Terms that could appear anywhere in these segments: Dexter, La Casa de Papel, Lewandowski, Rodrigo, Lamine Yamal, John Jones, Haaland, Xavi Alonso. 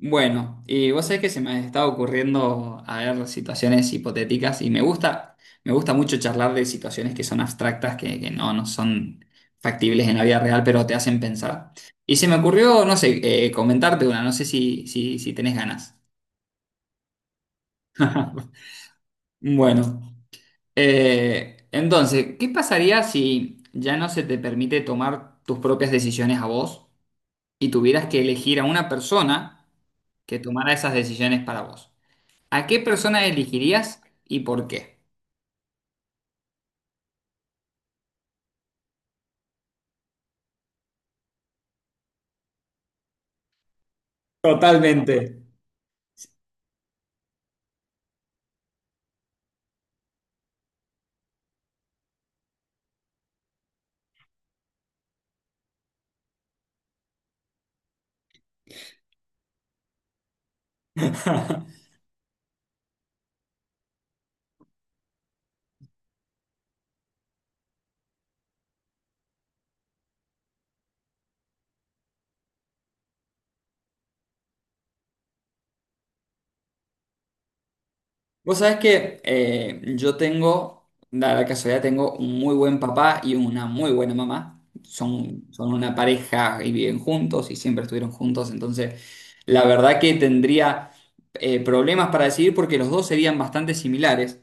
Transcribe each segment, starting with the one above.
Bueno, y vos sabés que se me está ocurriendo a ver situaciones hipotéticas y me gusta mucho charlar de situaciones que son abstractas, que no son factibles en la vida real, pero te hacen pensar. Y se me ocurrió, no sé, comentarte una, no sé si tenés ganas. Bueno, entonces, ¿qué pasaría si ya no se te permite tomar tus propias decisiones a vos y tuvieras que elegir a una persona que tomara esas decisiones para vos? ¿A qué persona elegirías y por qué? Totalmente. Vos sabés que yo tengo, da la casualidad, tengo un muy buen papá y una muy buena mamá. Son una pareja y viven juntos y siempre estuvieron juntos. Entonces, la verdad que tendría problemas para decidir porque los dos serían bastante similares.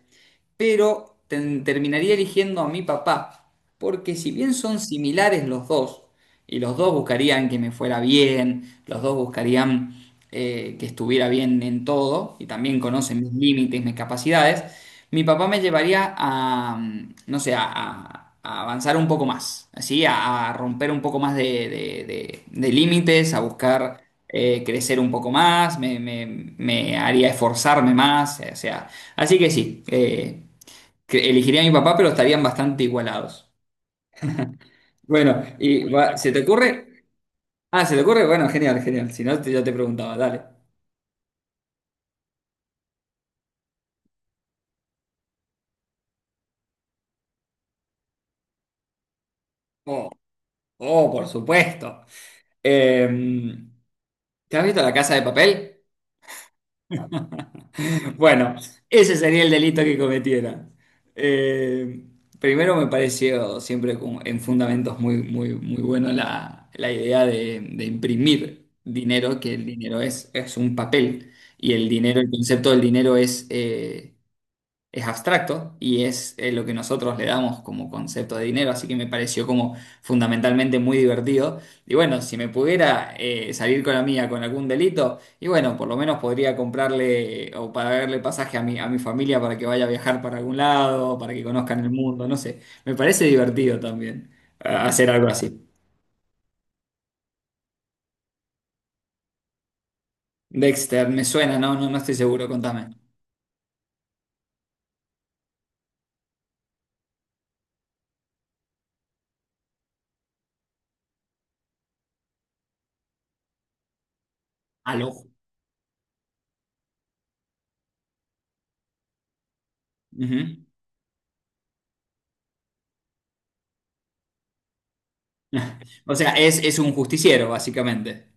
Pero terminaría eligiendo a mi papá, porque si bien son similares los dos, y los dos buscarían que me fuera bien, los dos buscarían que estuviera bien en todo, y también conocen mis límites, mis capacidades, mi papá me llevaría a, no sé, a avanzar un poco más, así, a romper un poco más de límites, a buscar crecer un poco más, me haría esforzarme más, o sea, así que sí, que elegiría a mi papá, pero estarían bastante igualados. Bueno, y ¿se te ocurre? Ah, ¿se te ocurre? Bueno, genial, genial. Si no, yo te preguntaba, dale. Oh, oh, por supuesto. Eh, ¿Te has visto La Casa de Papel? Bueno, ese sería el delito que cometiera. Eh, primero me pareció siempre como en fundamentos muy, muy, muy bueno la idea de imprimir dinero, que el dinero es un papel y el dinero, el concepto del dinero es abstracto y es lo que nosotros le damos como concepto de dinero, así que me pareció como fundamentalmente muy divertido. Y bueno, si me pudiera salir con la mía con algún delito, y bueno, por lo menos podría comprarle o pagarle pasaje a a mi familia para que vaya a viajar para algún lado, para que conozcan el mundo, no sé, me parece divertido también hacer algo así. Dexter, me suena, no, no, no estoy seguro, contame. Al ojo. Ujú. O sea, es un justiciero, básicamente.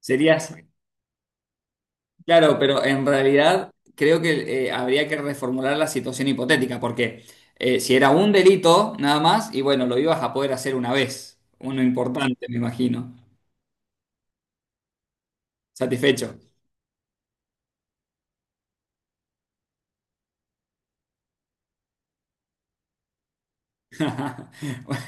Serías. Claro, pero en realidad creo que habría que reformular la situación hipotética, porque si era un delito nada más, y bueno, lo ibas a poder hacer una vez, uno importante, me imagino, satisfecho.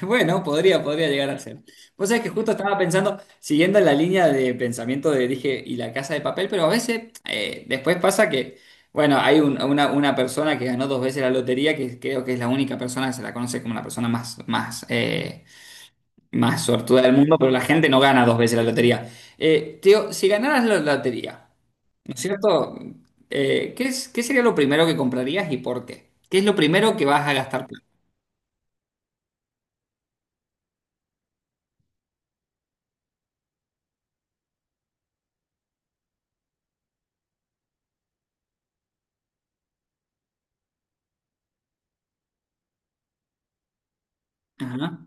Bueno, podría llegar a ser. Vos sabés que justo estaba pensando, siguiendo la línea de pensamiento de dije, y la casa de papel, pero a veces después pasa que, bueno, hay una persona que ganó dos veces la lotería, que creo que es la única persona que se la conoce como la persona más, más más suertuda del mundo, pero la gente no gana dos veces la lotería. Teo, si ganaras la lotería, ¿no es cierto? ¿Qué qué sería lo primero que comprarías y por qué? ¿Qué es lo primero que vas a gastar? ¿Plata? Ajá.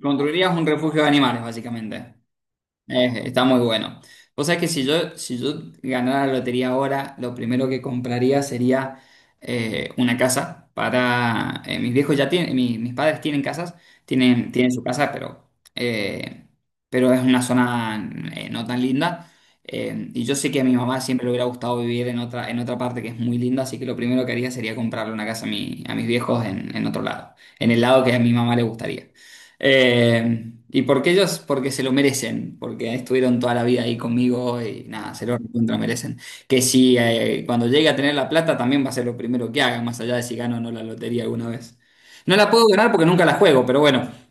Construirías un refugio de animales, básicamente. Está muy bueno. Vos sabés que si yo ganara la lotería ahora, lo primero que compraría sería una casa para... mis viejos ya tienen, mis padres tienen casas, tienen su casa, eh, pero es una zona no tan linda. Y yo sé que a mi mamá siempre le hubiera gustado vivir en otra parte que es muy linda, así que lo primero que haría sería comprarle una casa a, a mis viejos en otro lado, en el lado que a mi mamá le gustaría. Y porque ellos, porque se lo merecen, porque estuvieron toda la vida ahí conmigo y nada, se lo recontra merecen. Que si cuando llegue a tener la plata también va a ser lo primero que haga, más allá de si gano o no la lotería alguna vez. No la puedo ganar porque nunca la juego, pero bueno.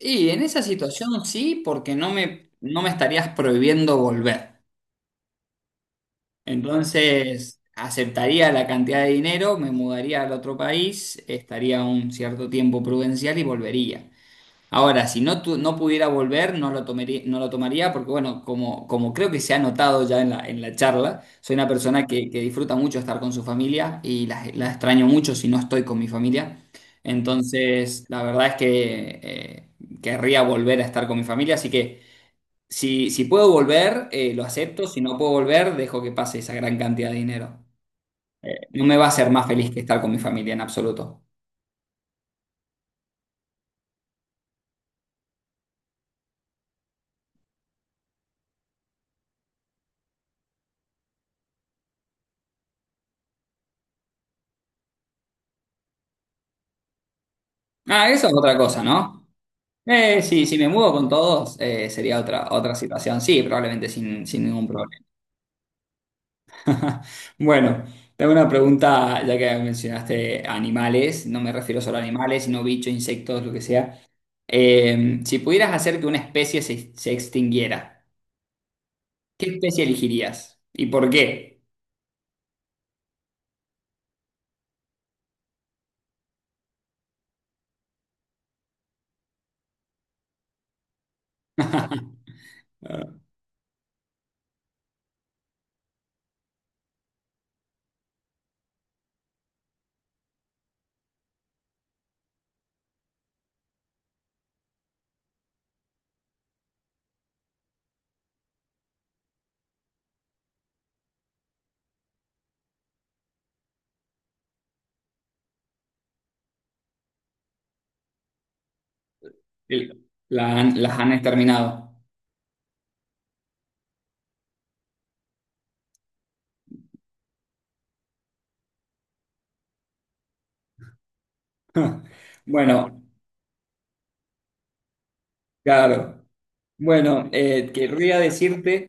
Y en esa situación sí, porque no me estarías prohibiendo volver. Entonces aceptaría la cantidad de dinero, me mudaría al otro país, estaría un cierto tiempo prudencial y volvería. Ahora, si no, no pudiera volver, no lo tomaría, no lo tomaría porque, bueno, como creo que se ha notado ya en en la charla, soy una persona que disfruta mucho estar con su familia y la extraño mucho si no estoy con mi familia. Entonces, la verdad es que querría volver a estar con mi familia, así que si puedo volver, lo acepto, si no puedo volver, dejo que pase esa gran cantidad de dinero. No me va a hacer más feliz que estar con mi familia en absoluto. Ah, eso es otra cosa, ¿no? Sí, si me mudo con todos, sería otra, otra situación. Sí, probablemente sin ningún problema. Bueno, tengo una pregunta, ya que mencionaste animales, no me refiero solo a animales, sino bichos, insectos, lo que sea. Si pudieras hacer que una especie se extinguiera, ¿qué especie elegirías? ¿Y por qué? Las han exterminado. Bueno, claro. Bueno, querría decirte...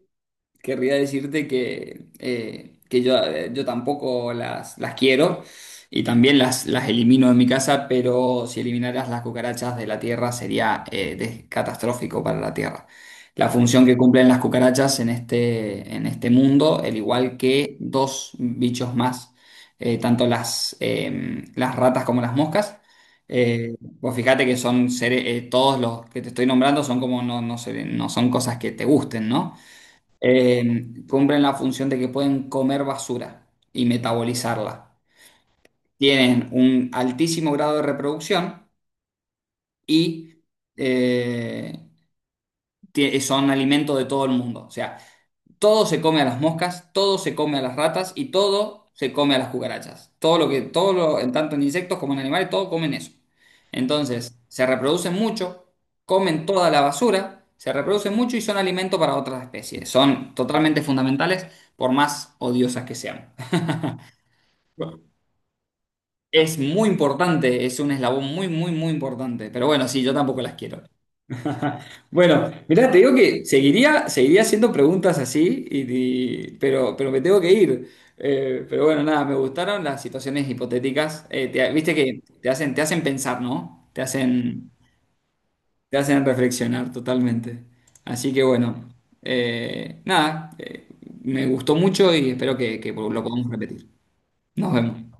Querría decirte que, yo tampoco las quiero y también las elimino de mi casa, pero si eliminaras las cucarachas de la tierra sería catastrófico para la tierra. La función que cumplen las cucarachas en este mundo, al igual que dos bichos más, tanto las ratas como las moscas. Vos fíjate que son seres, todos los que te estoy nombrando son como no, no son cosas que te gusten, ¿no? Eh, cumplen la función de que pueden comer basura y metabolizarla. Tienen un altísimo grado de reproducción y eh, son alimento de todo el mundo. O sea, todo se come a las moscas, todo se come a las ratas y todo se come a las cucarachas. Todo lo que, todo lo, en tanto en insectos como en animales, todo comen eso. Entonces, se reproducen mucho, comen toda la basura, se reproducen mucho y son alimento para otras especies. Son totalmente fundamentales por más odiosas que sean. Es muy importante, es un eslabón muy, muy, muy importante. Pero bueno, sí, yo tampoco las quiero. Bueno, mirá, te digo que seguiría, seguiría haciendo preguntas así, pero me tengo que ir. Pero bueno, nada, me gustaron las situaciones hipotéticas. Viste que te hacen pensar, ¿no? Te hacen reflexionar totalmente. Así que bueno, nada, me gustó mucho y espero que lo podamos repetir. Nos vemos.